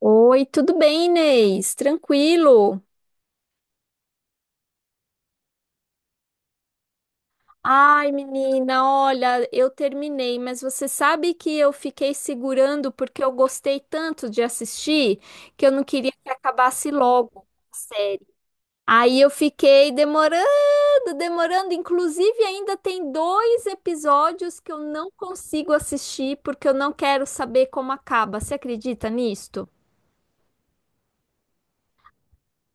Oi, tudo bem, Inês? Tranquilo? Ai, menina, olha, eu terminei, mas você sabe que eu fiquei segurando porque eu gostei tanto de assistir que eu não queria que acabasse logo a série. Aí eu fiquei demorando, demorando. Inclusive, ainda tem dois episódios que eu não consigo assistir porque eu não quero saber como acaba. Você acredita nisto?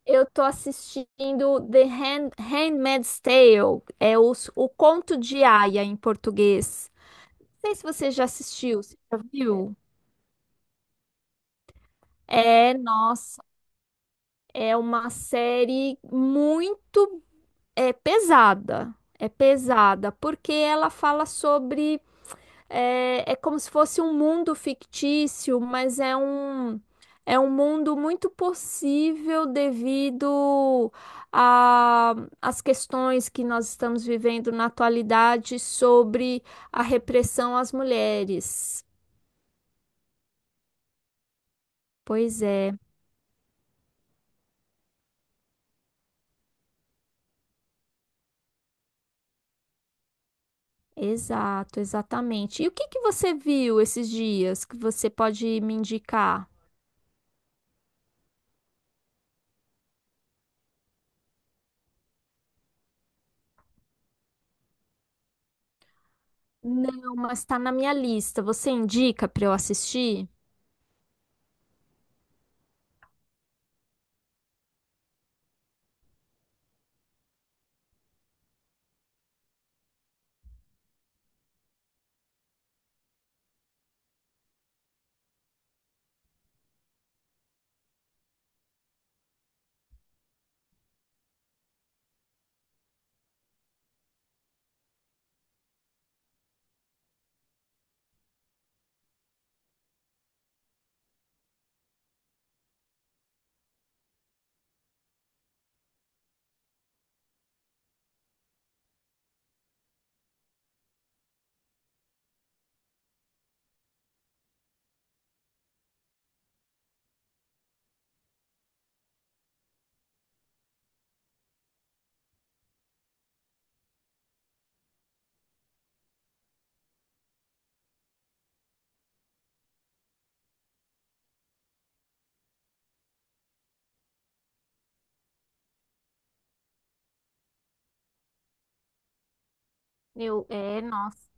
Eu tô assistindo The Hand, Handmaid's Tale, é o Conto de Aia em português. Não sei se você já assistiu, você já viu? É, nossa, é uma série muito pesada. É pesada, porque ela fala sobre. É, é como se fosse um mundo fictício, mas é um mundo muito possível devido a- às questões que nós estamos vivendo na atualidade sobre a repressão às mulheres. Pois é, exato, exatamente. E o que que você viu esses dias que você pode me indicar? Não, mas está na minha lista. Você indica para eu assistir? Eu, é, nossa,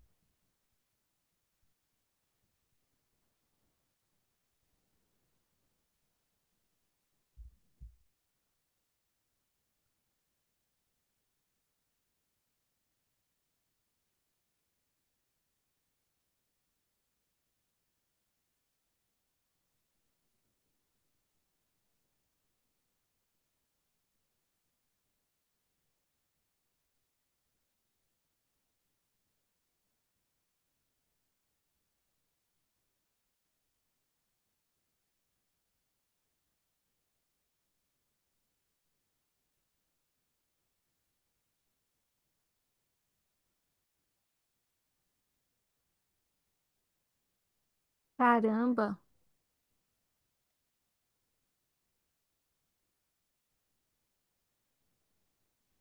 caramba.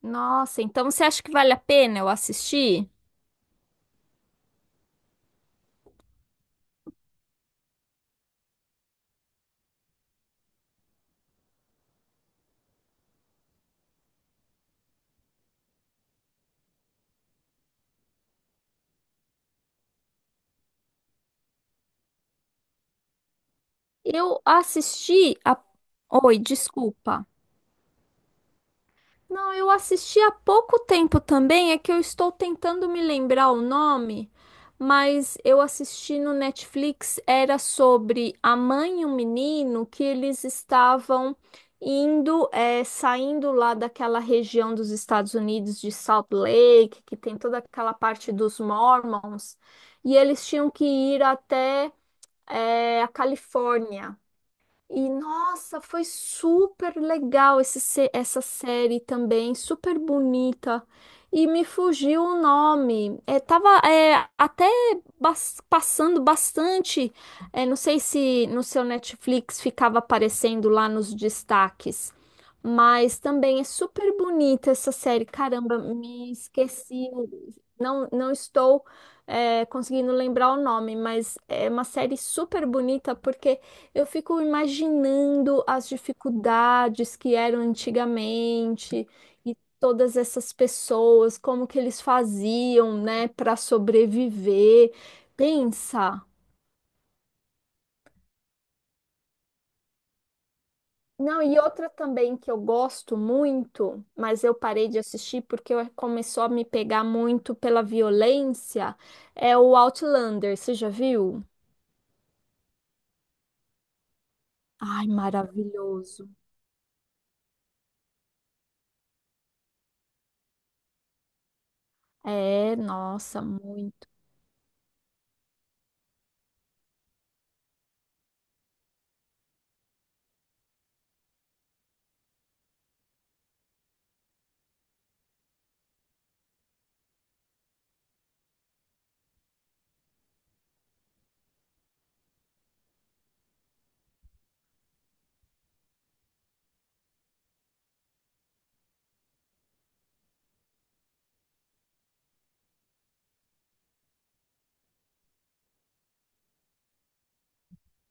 Nossa, então você acha que vale a pena eu assistir? Eu assisti a... Oi, desculpa. Não, eu assisti há pouco tempo também, é que eu estou tentando me lembrar o nome, mas eu assisti no Netflix, era sobre a mãe e o menino que eles estavam indo, saindo lá daquela região dos Estados Unidos de Salt Lake, que tem toda aquela parte dos Mormons, e eles tinham que ir até a Califórnia. E nossa, foi super legal esse, se- essa série também, super bonita. E me fugiu o nome. É, tava até passando bastante. É, não sei se no seu Netflix ficava aparecendo lá nos destaques. Mas também é super bonita essa série. Caramba, me esqueci. Não estou conseguindo lembrar o nome, mas é uma série super bonita porque eu fico imaginando as dificuldades que eram antigamente e todas essas pessoas, como que eles faziam, né, para sobreviver. Pensa. Não, e outra também que eu gosto muito, mas eu parei de assistir porque começou a me pegar muito pela violência, é o Outlander. Você já viu? Ai, maravilhoso. É, nossa, muito.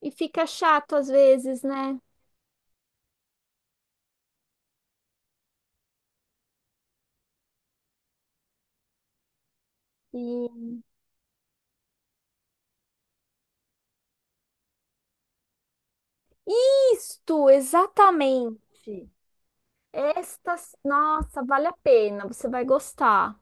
E fica chato às vezes, né? Sim. Isto, exatamente. Esta, nossa, vale a pena, você vai gostar.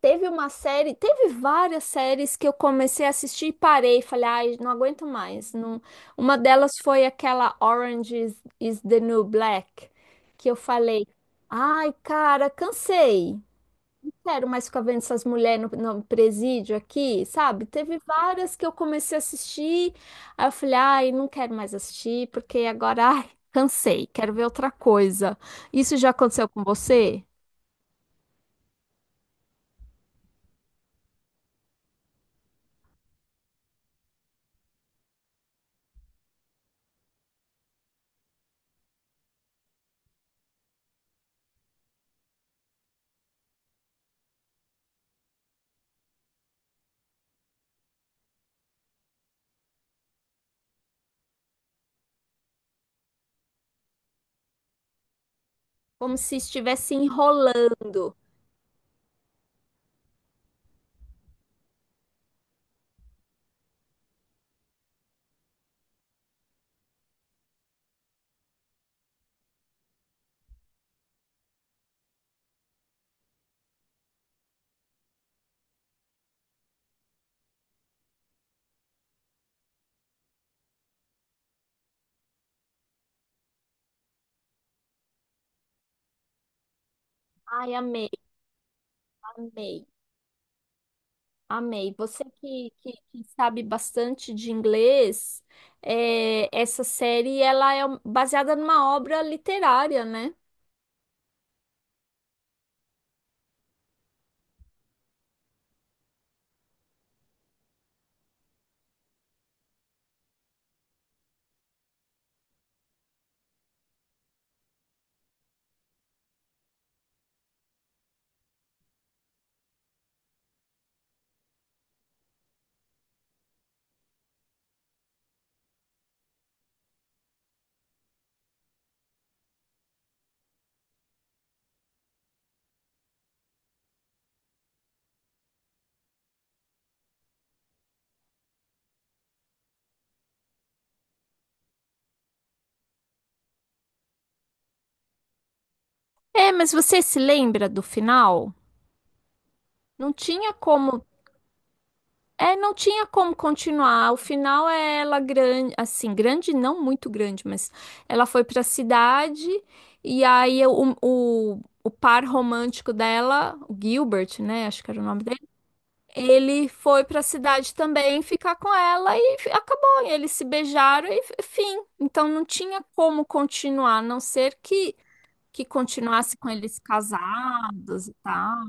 Teve uma série, teve várias séries que eu comecei a assistir e parei, falei, ai, não aguento mais. Não... Uma delas foi aquela Orange is the New Black, que eu falei, ai, cara, cansei. Quero mais ficar vendo essas mulheres no presídio aqui, sabe? Teve várias que eu comecei a assistir, aí eu falei, ai, não quero mais assistir, porque agora, ai, cansei, quero ver outra coisa. Isso já aconteceu com você? Como se estivesse enrolando. Ai, amei, amei, amei. Você que sabe bastante de inglês, é, essa série, ela é baseada numa obra literária, né? É, mas você se lembra do final? Não tinha como. É, não tinha como continuar. O final é ela grande, assim, grande, não muito grande, mas ela foi pra cidade e aí o par romântico dela, o Gilbert, né? Acho que era o nome dele. Ele foi pra cidade também ficar com ela e acabou. E eles se beijaram e fim. Então não tinha como continuar, a não ser que continuasse com eles casados e tal,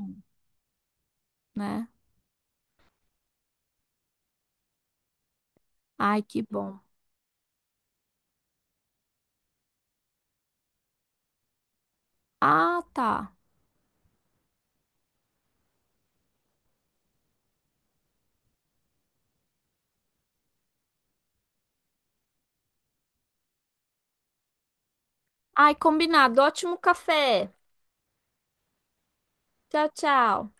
né? Ai, que bom. Ah, tá. Ai, combinado. Ótimo café. Tchau, tchau.